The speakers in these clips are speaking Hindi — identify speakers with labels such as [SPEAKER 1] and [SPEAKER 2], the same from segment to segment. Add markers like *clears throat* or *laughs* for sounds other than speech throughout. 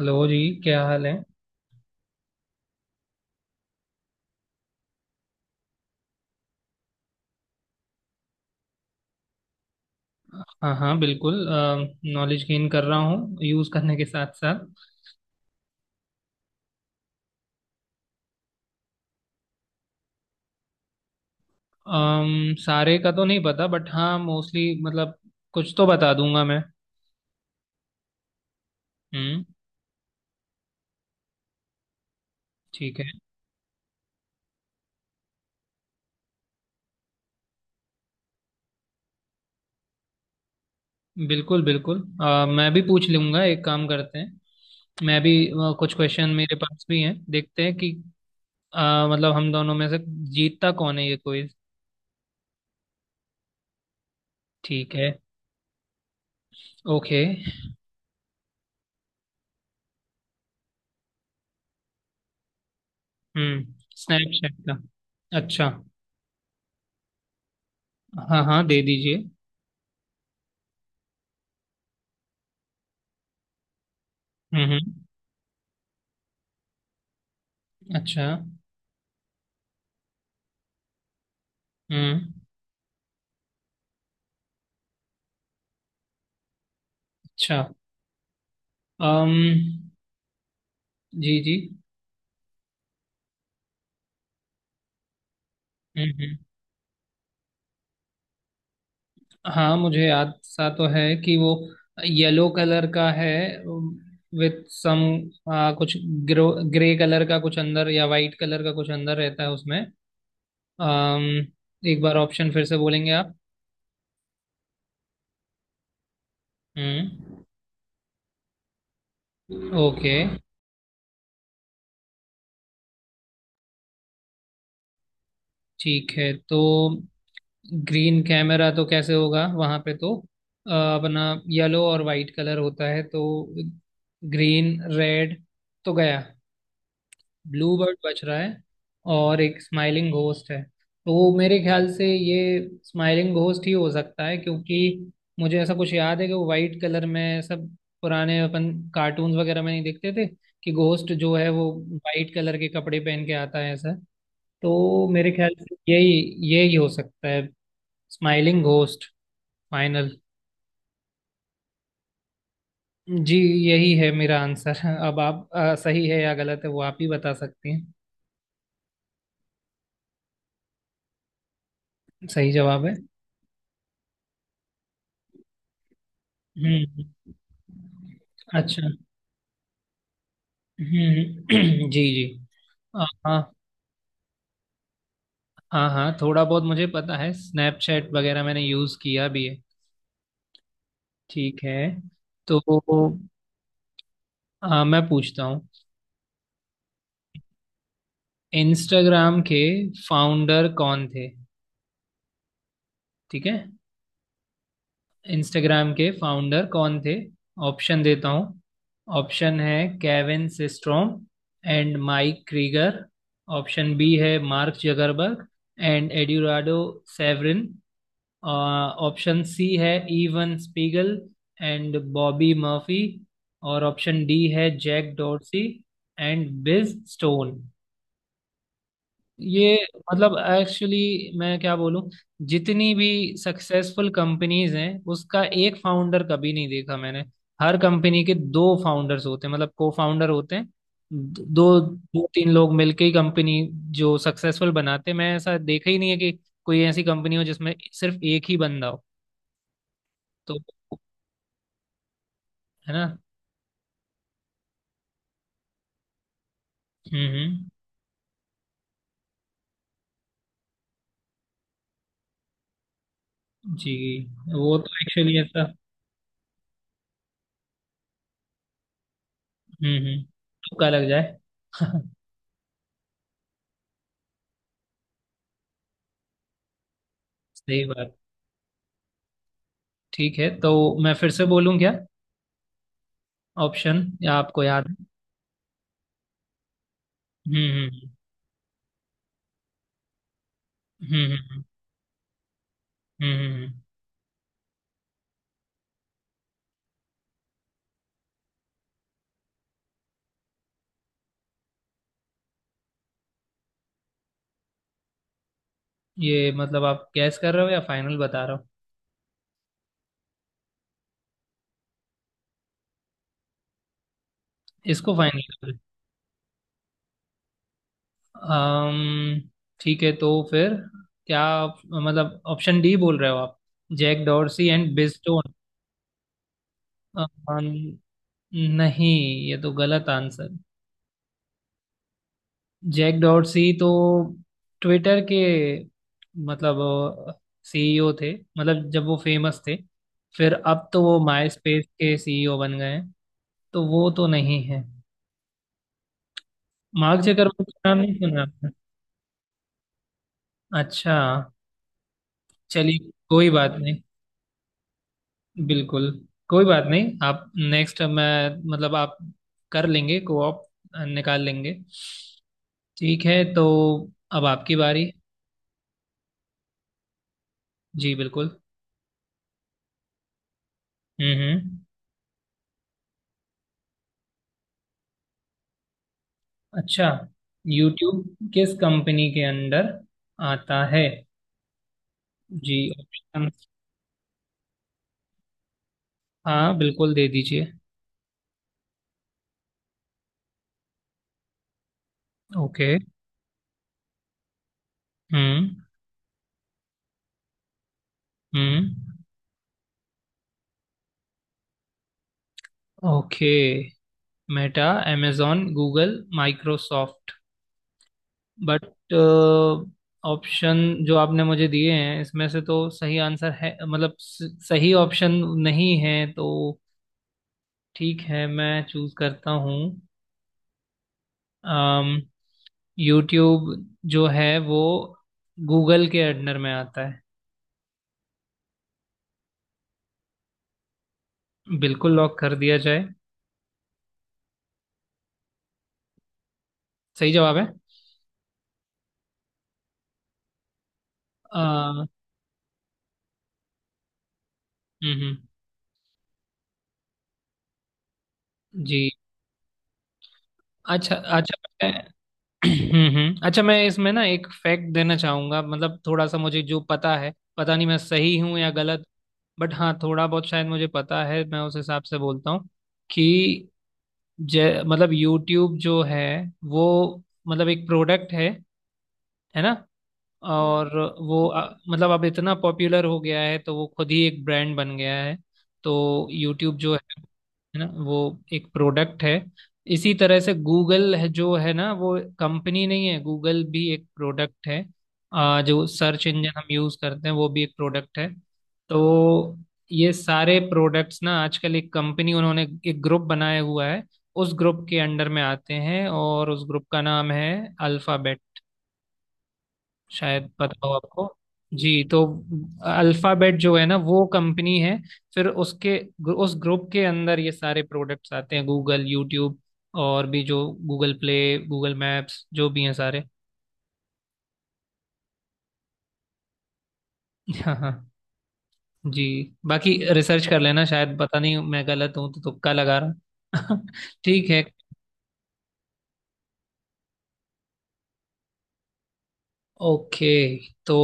[SPEAKER 1] हेलो जी, क्या हाल है? हाँ हाँ, बिल्कुल। नॉलेज गेन कर रहा हूँ यूज़ करने के साथ साथ। सारे का तो नहीं पता, बट हाँ मोस्टली मतलब कुछ तो बता दूंगा मैं। हम्म, ठीक है। बिल्कुल बिल्कुल। मैं भी पूछ लूंगा, एक काम करते हैं। मैं भी कुछ क्वेश्चन मेरे पास भी हैं, देखते हैं कि मतलब हम दोनों में से जीतता कौन है ये क्विज। ठीक है। ओके। हम्म। स्नैपचैट का। अच्छा। हाँ हाँ, दे दीजिए। हम्म हम्म, अच्छा। हम्म, अच्छा। अम जी जी। हम्म। हाँ, मुझे याद सा तो है कि वो येलो कलर का है, विथ सम कुछ ग्रो ग्रे कलर का कुछ अंदर, या वाइट कलर का कुछ अंदर रहता है उसमें। अम एक बार ऑप्शन फिर से बोलेंगे आप? हम्म, ओके। ठीक है, तो ग्रीन कैमरा तो कैसे होगा, वहाँ पे तो अपना येलो और वाइट कलर होता है, तो ग्रीन रेड तो गया। ब्लू बर्ड बज रहा है, और एक स्माइलिंग घोस्ट है। तो मेरे ख्याल से ये स्माइलिंग घोस्ट ही हो सकता है, क्योंकि मुझे ऐसा कुछ याद है कि वो वाइट कलर में, सब पुराने अपन कार्टून्स वगैरह में नहीं देखते थे कि घोस्ट जो है वो वाइट कलर के कपड़े पहन के आता है, ऐसा। तो मेरे ख्याल से यही यही हो सकता है। Smiling ghost final. जी, यही है मेरा आंसर। *laughs* अब आप सही है या गलत है वो आप ही बता सकती हैं। सही जवाब है। हम्म हम्म। अच्छा। *clears throat* जी जी। हाँ हाँ, हाँ हाँ, थोड़ा बहुत मुझे पता है, स्नैपचैट वगैरह मैंने यूज़ किया भी है। ठीक है, तो हाँ मैं पूछता हूँ, इंस्टाग्राम के फाउंडर कौन थे? ठीक है। इंस्टाग्राम के फाउंडर कौन थे? ऑप्शन देता हूँ। ऑप्शन है Kevin Systrom and Mike Krieger. Option B है Mark Zuckerberg and Eduardo Saverin. Option C है Evan Spiegel and Bobby Murphy. और ऑप्शन डी है Jack Dorsey and Bill Stone. ये मतलब एक्चुअली, मैं क्या बोलूं, जितनी भी सक्सेसफुल कंपनीज हैं उसका एक फाउंडर कभी नहीं देखा मैंने। हर कंपनी के दो फाउंडर्स होते हैं, मतलब को फाउंडर होते हैं, दो दो तीन लोग मिलके ही कंपनी जो सक्सेसफुल बनाते हैं। मैं ऐसा देखा ही नहीं है कि कोई ऐसी कंपनी हो जिसमें सिर्फ एक ही बंदा हो। तो, है ना? हम्म। जी। वो तो एक्चुअली ऐसा। हम्म। तुक्का लग जाए। *laughs* सही बात। ठीक है, तो मैं फिर से बोलूं क्या ऑप्शन, या आपको याद है? हम्म हम्म हम्म। हम्म, हम्म। हम्म, हम्म। ये मतलब, आप गैस कर रहे हो या फाइनल बता रहे हो? इसको फाइनल कर रहे हो? ठीक है, तो फिर मतलब ऑप्शन डी बोल रहे हो आप? Jack Dorsey and Biz Stone? नहीं, ये तो गलत आंसर। जैक डॉर्सी तो ट्विटर के मतलब सीईओ थे, मतलब जब वो फेमस थे, फिर अब तो वो माई स्पेस के सीईओ बन गए हैं। तो वो तो नहीं है। मार्क जकरबर्ग का नाम नहीं सुना आपने? अच्छा, चलिए। कोई बात नहीं। बिल्कुल, कोई बात नहीं, आप नेक्स्ट मैं मतलब आप कर लेंगे, कोऑप निकाल लेंगे। ठीक है, तो अब आपकी बारी। जी, बिल्कुल। हम्म। अच्छा, यूट्यूब किस कंपनी के अंदर आता है? जी ऑप्शन। हाँ, बिल्कुल दे दीजिए। ओके। हम्म हम्म। Okay, Meta, amazon, Google, Microsoft. But option जो आपने मुझे दिए हैं इसमें से तो सही आंसर है, मतलब सही ऑप्शन नहीं है तो? ठीक है, मैं चूज करता हूँ। Um, यूट्यूब जो है वो गूगल के अंडर में आता है। बिल्कुल, लॉक कर दिया जाए। सही जवाब है। अ, हम्म हम्म, जी, अच्छा अच्छा, मैं अच्छा, मैं इसमें ना एक फैक्ट देना चाहूंगा, मतलब थोड़ा सा मुझे जो पता है, पता नहीं मैं सही हूं या गलत, बट हाँ थोड़ा बहुत शायद मुझे पता है, मैं उस हिसाब से बोलता हूँ कि जय मतलब यूट्यूब जो है वो मतलब एक प्रोडक्ट है ना? और वो मतलब अब इतना पॉपुलर हो गया है तो वो खुद ही एक ब्रांड बन गया है। तो यूट्यूब जो है ना, वो एक प्रोडक्ट है। इसी तरह से गूगल है जो है ना, वो कंपनी नहीं है, गूगल भी एक प्रोडक्ट है। जो सर्च इंजन हम यूज करते हैं वो भी एक प्रोडक्ट है। तो ये सारे प्रोडक्ट्स ना आजकल एक कंपनी, उन्होंने एक ग्रुप बनाया हुआ है, उस ग्रुप के अंडर में आते हैं, और उस ग्रुप का नाम है अल्फाबेट, शायद पता हो आपको। जी, तो अल्फाबेट जो है ना वो कंपनी है, फिर उसके उस ग्रुप के अंदर ये सारे प्रोडक्ट्स आते हैं, गूगल, यूट्यूब, और भी जो गूगल प्ले, गूगल मैप्स, जो भी हैं सारे। *laughs* हाँ हाँ। जी। बाकी रिसर्च कर लेना, शायद, पता नहीं मैं गलत हूँ तो तुक्का लगा रहा हूँ। *laughs* ठीक है। ओके, तो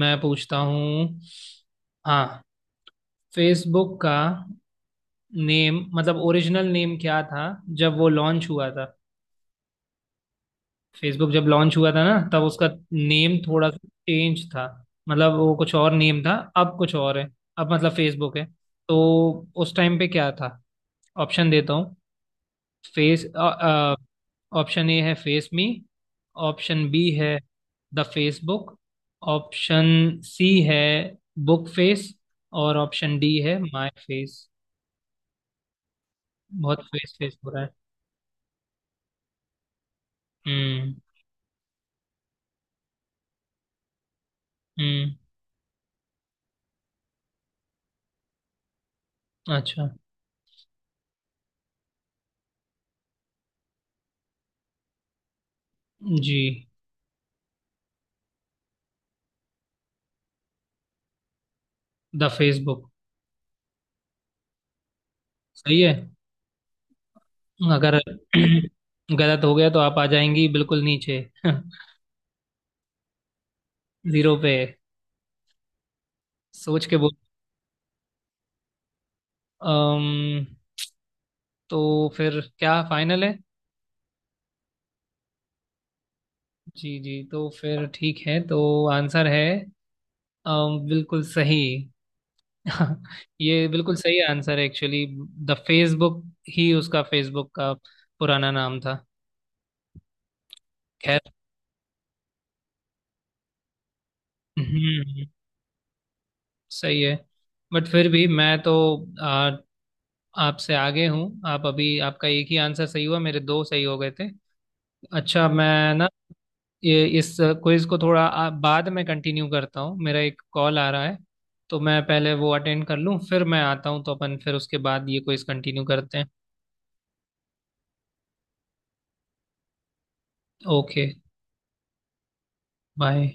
[SPEAKER 1] मैं पूछता हूँ, हाँ, फेसबुक का नेम मतलब ओरिजिनल नेम क्या था जब वो लॉन्च हुआ था? फेसबुक जब लॉन्च हुआ था ना तब उसका नेम थोड़ा सा चेंज था, मतलब वो कुछ और नेम था, अब कुछ और है, अब मतलब फेसबुक है, तो उस टाइम पे क्या था? ऑप्शन देता हूँ। फेस। ऑप्शन ए है फेस मी। ऑप्शन बी है द फेसबुक। ऑप्शन सी है बुक फेस। और ऑप्शन डी है माय फेस। बहुत फेस फेस हो रहा है। हम्म हम्म, अच्छा। जी, द फेसबुक, सही है। अगर *clears throat* गलत हो गया तो आप आ जाएंगी बिल्कुल नीचे। *laughs* जीरो पे। सोच के बोल। अम्म तो फिर क्या फाइनल है? जी जी, तो फिर ठीक है, तो आंसर है बिल्कुल सही। *laughs* ये बिल्कुल सही आंसर है एक्चुअली, द फेसबुक ही उसका, फेसबुक का पुराना नाम था। खैर, हम्म, सही है। बट फिर भी मैं तो आ, आपसे आगे हूँ। आप अभी, आपका एक ही आंसर सही हुआ, मेरे दो सही हो गए थे। अच्छा, मैं ना ये इस क्विज को थोड़ा बाद में कंटिन्यू करता हूँ, मेरा एक कॉल आ रहा है, तो मैं पहले वो अटेंड कर लूँ, फिर मैं आता हूँ, तो अपन फिर उसके बाद ये क्विज कंटिन्यू करते हैं। ओके। बाय।